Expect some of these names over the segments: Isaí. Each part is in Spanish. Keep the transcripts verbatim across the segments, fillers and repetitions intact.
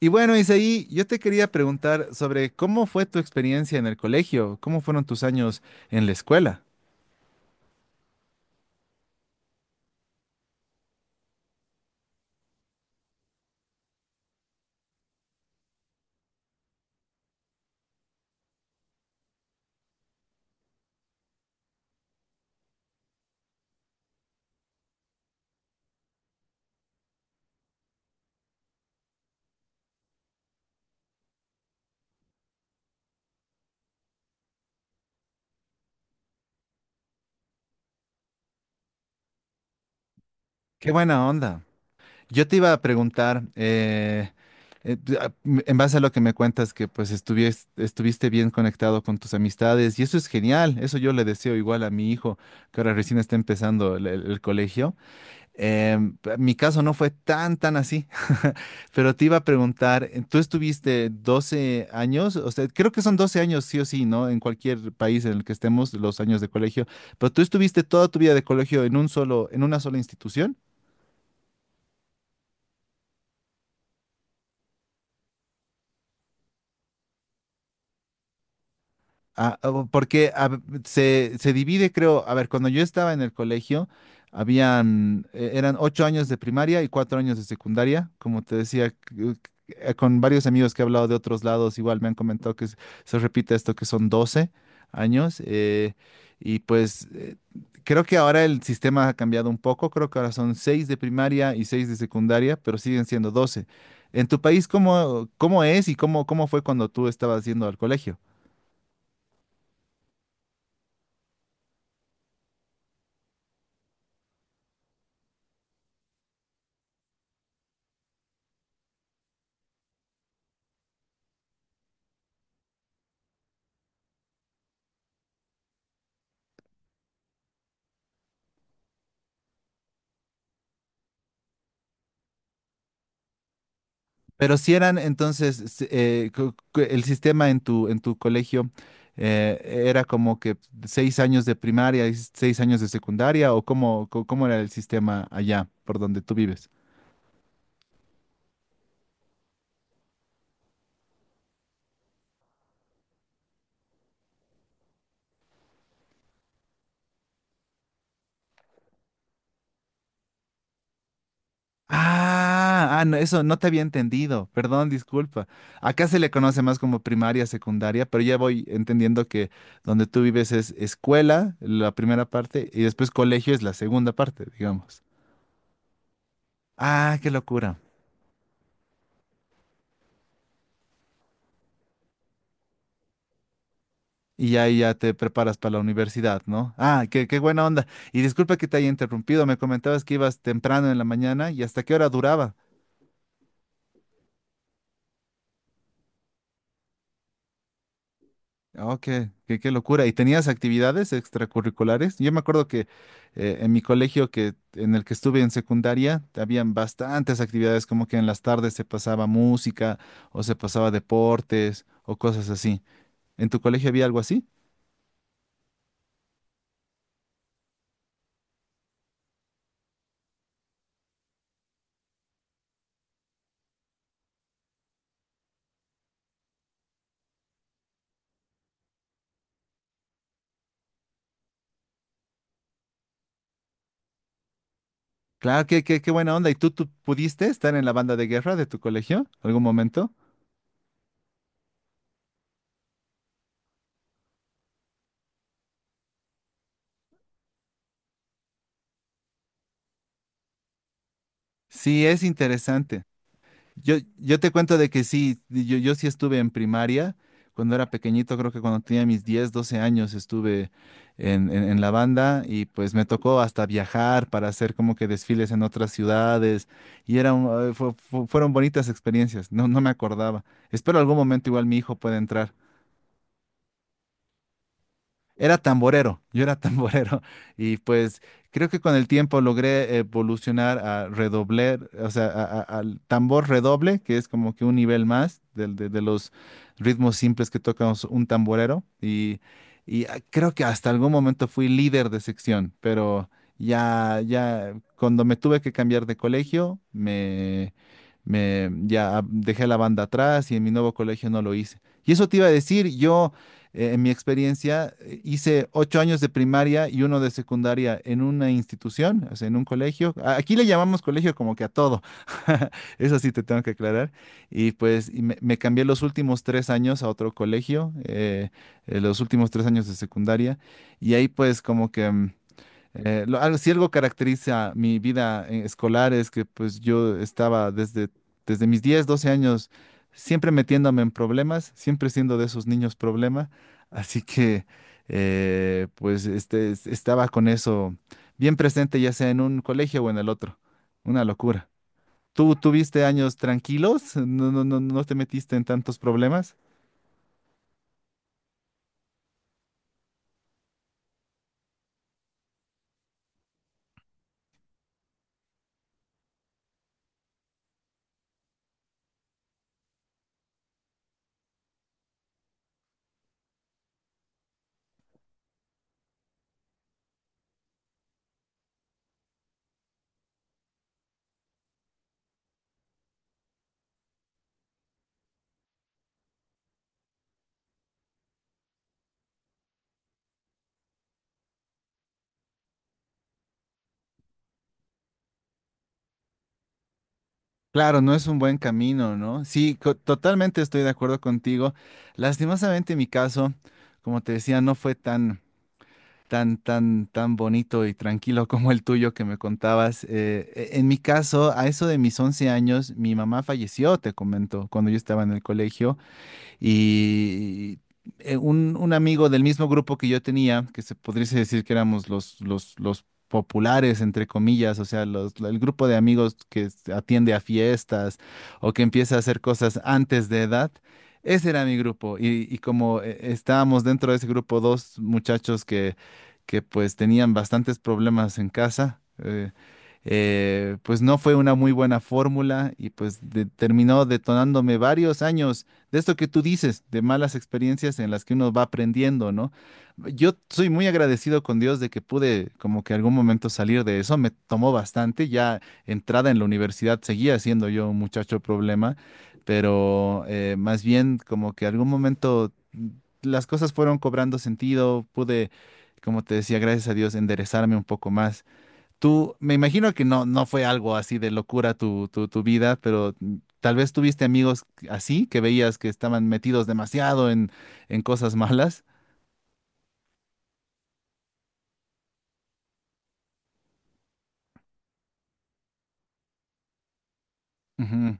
Y bueno, Isaí, yo te quería preguntar sobre cómo fue tu experiencia en el colegio, cómo fueron tus años en la escuela. Qué buena onda. Yo te iba a preguntar, eh, eh, p- a- m- en base a lo que me cuentas, que pues estuvies- estuviste bien conectado con tus amistades y eso es genial. Eso yo le deseo igual a mi hijo, que ahora recién está empezando el el- el colegio. Em, mi caso no fue tan, tan así, pero te iba a preguntar, tú estuviste doce años, o sea, creo que son doce años sí o sí, ¿no? En cualquier país en el que estemos, los años de colegio, pero tú estuviste toda tu vida de colegio en un solo, en una sola institución. Ah, ah, porque a se, se divide, creo, a ver, cuando yo estaba en el colegio, habían, eh, eran ocho años de primaria y cuatro años de secundaria, como te decía, c- c- eh, con varios amigos que he hablado de otros lados, igual me han comentado que s- se repite esto, que son doce años, eh, y pues eh, creo que ahora el sistema ha cambiado un poco, creo que ahora son seis de primaria y seis de secundaria, pero siguen siendo doce. En tu país, ¿cómo, cómo es y cómo, cómo fue cuando tú estabas yendo al colegio? Pero si eran entonces sí, eh, co- co- el sistema en tu en tu colegio eh, era como que seis años de primaria y seis años de secundaria o cómo, co- cómo era el sistema allá por donde tú vives. Ah, ah, no, eso no te había entendido. Perdón, disculpa. Acá se le conoce más como primaria, secundaria, pero ya voy entendiendo que donde tú vives es escuela, la primera parte, y después colegio es la segunda parte, digamos. Ah, qué locura. Y ya, y ya te preparas para la universidad, ¿no? Ah, qué, qué buena onda. Y disculpa que te haya interrumpido, me comentabas que ibas temprano en la mañana y hasta qué hora duraba. Oh, qué, qué, qué locura. ¿Y tenías actividades extracurriculares? Yo me acuerdo que eh, en mi colegio que, en el que estuve en secundaria, habían bastantes actividades, como que en las tardes se pasaba música o se pasaba deportes o cosas así. ¿En tu colegio había algo así? Claro, qué, qué, qué buena onda. ¿Y tú, tú pudiste estar en la banda de guerra de tu colegio algún momento? Sí, es interesante. Yo, yo te cuento de que sí, yo, yo sí estuve en primaria cuando era pequeñito, creo que cuando tenía mis diez, doce años estuve en, en- en la banda y pues me tocó hasta viajar para hacer como que desfiles en otras ciudades y eran, eh, fu- fu- fueron bonitas experiencias, no, no me acordaba. Espero algún momento igual mi hijo pueda entrar. Era tamborero, yo era tamborero y pues creo que con el tiempo logré evolucionar a redobler, o sea, a- a- al tambor redoble, que es como que un nivel más del- de, de los ritmos simples que toca us- un tamborero y, y, ah, creo que hasta algún momento fui líder de sección, pero ya, ya cuando me tuve que cambiar de colegio, me, me ya dejé la banda atrás y en mi nuevo colegio no lo hice. Y eso te iba a decir, yo eh, en mi experiencia, eh, hice ocho años de primaria y uno de secundaria en una institución, o sea, en un colegio. A- Aquí le llamamos colegio como que a todo. Eso sí te tengo que aclarar. Y pues y me, me cambié los últimos tres años a otro colegio, eh, eh, los últimos tres años de secundaria. Y ahí pues como que mm, eh, lo- algo, si algo caracteriza mi vida eh, escolar es que pues yo estaba desde, desde mis diez doce años siempre metiéndome en problemas, siempre siendo de esos niños problema, así que eh, pues este, es- estaba con eso bien presente ya sea en un colegio o en el otro. Una locura. ¿Tú tuviste años tranquilos? ¿No, no, no, no te metiste en tantos problemas? Claro, no es un buen camino, ¿no? Sí, co- totalmente estoy de acuerdo contigo. Lastimosamente en mi caso, como te decía, no fue tan, tan, tan, tan bonito y tranquilo como el tuyo que me contabas. Eh, e- en mi caso, a eso de mis once años, mi mamá falleció, te comento, cuando yo estaba en el colegio. Y eh, un, un amigo del mismo grupo que yo tenía, que se podría decir que éramos los, los, los populares, entre comillas, o sea, los- el grupo de amigos que s- atiende a fiestas o que empieza a hacer cosas antes de edad. Ese era mi grupo y, y como eh, estábamos dentro de ese grupo dos muchachos que, que pues tenían bastantes problemas en casa, eh, eh, pues no fue una muy buena fórmula y pues de- terminó detonándome varios años de esto que tú dices, de malas experiencias en las que uno va aprendiendo, ¿no? Yo soy muy agradecido con Dios de que pude como que algún momento salir de eso, me tomó bastante, ya entrada en la universidad seguía siendo yo un muchacho problema, pero eh, más bien como que algún momento mm, las cosas fueron cobrando sentido, pude, como te decía, gracias a Dios, enderezarme un poco más. Tú, me imagino que no, no fue algo así de locura tu, tu, tu vida, pero mm, tal vez tuviste amigos así que veías que estaban metidos demasiado en, en cosas malas. Ujú.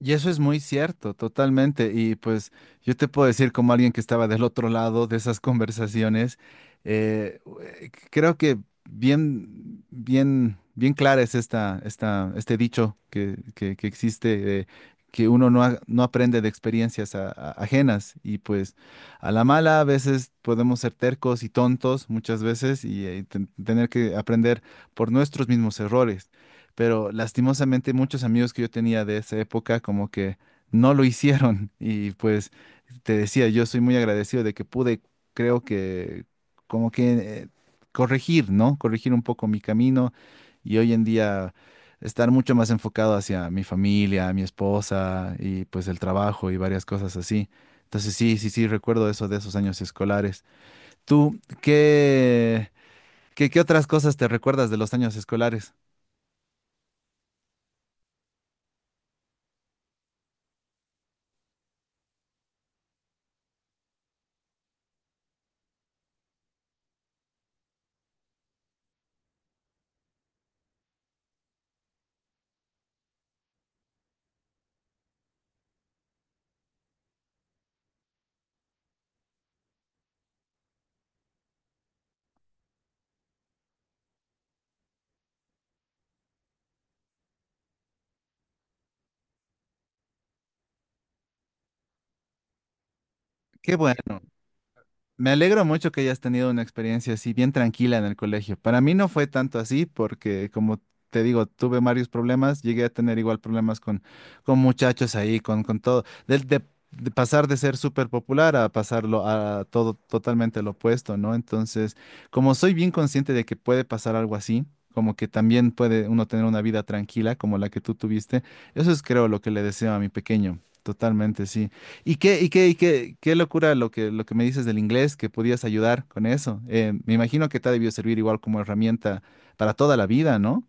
Y eso es muy cierto, totalmente. Y pues yo te puedo decir como alguien que estaba del otro lado de esas conversaciones, eh, eh, creo que bien, bien, bien clara es esta, esta, este dicho que, que- que existe, eh, que uno no, a- no aprende de experiencias a- a- ajenas. Y pues a la mala a veces podemos ser tercos y tontos muchas veces y eh, ten- tener que aprender por nuestros mismos errores, pero lastimosamente muchos amigos que yo tenía de esa época como que no lo hicieron y pues te decía, yo soy muy agradecido de que pude, creo que como que eh, corregir, ¿no? Corregir un poco mi camino y hoy en día estar mucho más enfocado hacia mi familia, mi esposa y pues el trabajo y varias cosas así. Entonces sí, sí, sí, recuerdo eso de esos años escolares. ¿Tú qué, qué, qué otras cosas te recuerdas de los años escolares? Qué bueno. Me alegro mucho que hayas tenido una experiencia así bien tranquila en el colegio. Para mí no fue tanto así porque, como te digo, tuve varios problemas, llegué a tener igual problemas con, con muchachos ahí, con, con todo, del- de, de pasar de ser súper popular a pasarlo a todo totalmente lo opuesto, ¿no? Entonces, como soy bien consciente de que puede pasar algo así, como que también puede uno tener una vida tranquila como la que tú tuviste, eso es creo lo que le deseo a mi pequeño. Totalmente, sí. Y qué, y qué, y qué, qué locura lo que, lo que me dices del inglés, que podías ayudar con eso. Eh, me imagino que te ha debido servir igual como herramienta para toda la vida, ¿no?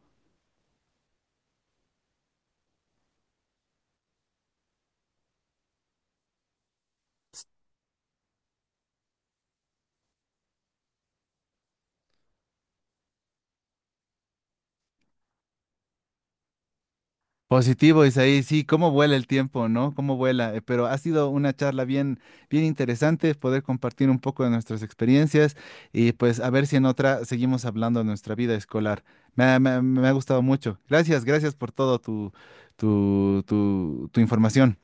Positivo, Isaí, sí, cómo vuela el tiempo, ¿no? Cómo vuela. Eh, Pero ha sido una charla bien, bien interesante poder compartir un poco de nuestras experiencias y pues a ver si en otra seguimos hablando de nuestra vida escolar. Me ha, me ha- me ha gustado mucho. Gracias, gracias por todo tu, tu, tu, tu información.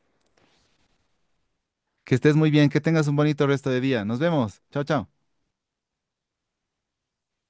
Que estés muy bien, que tengas un bonito resto de día. Nos vemos. Chao, chao.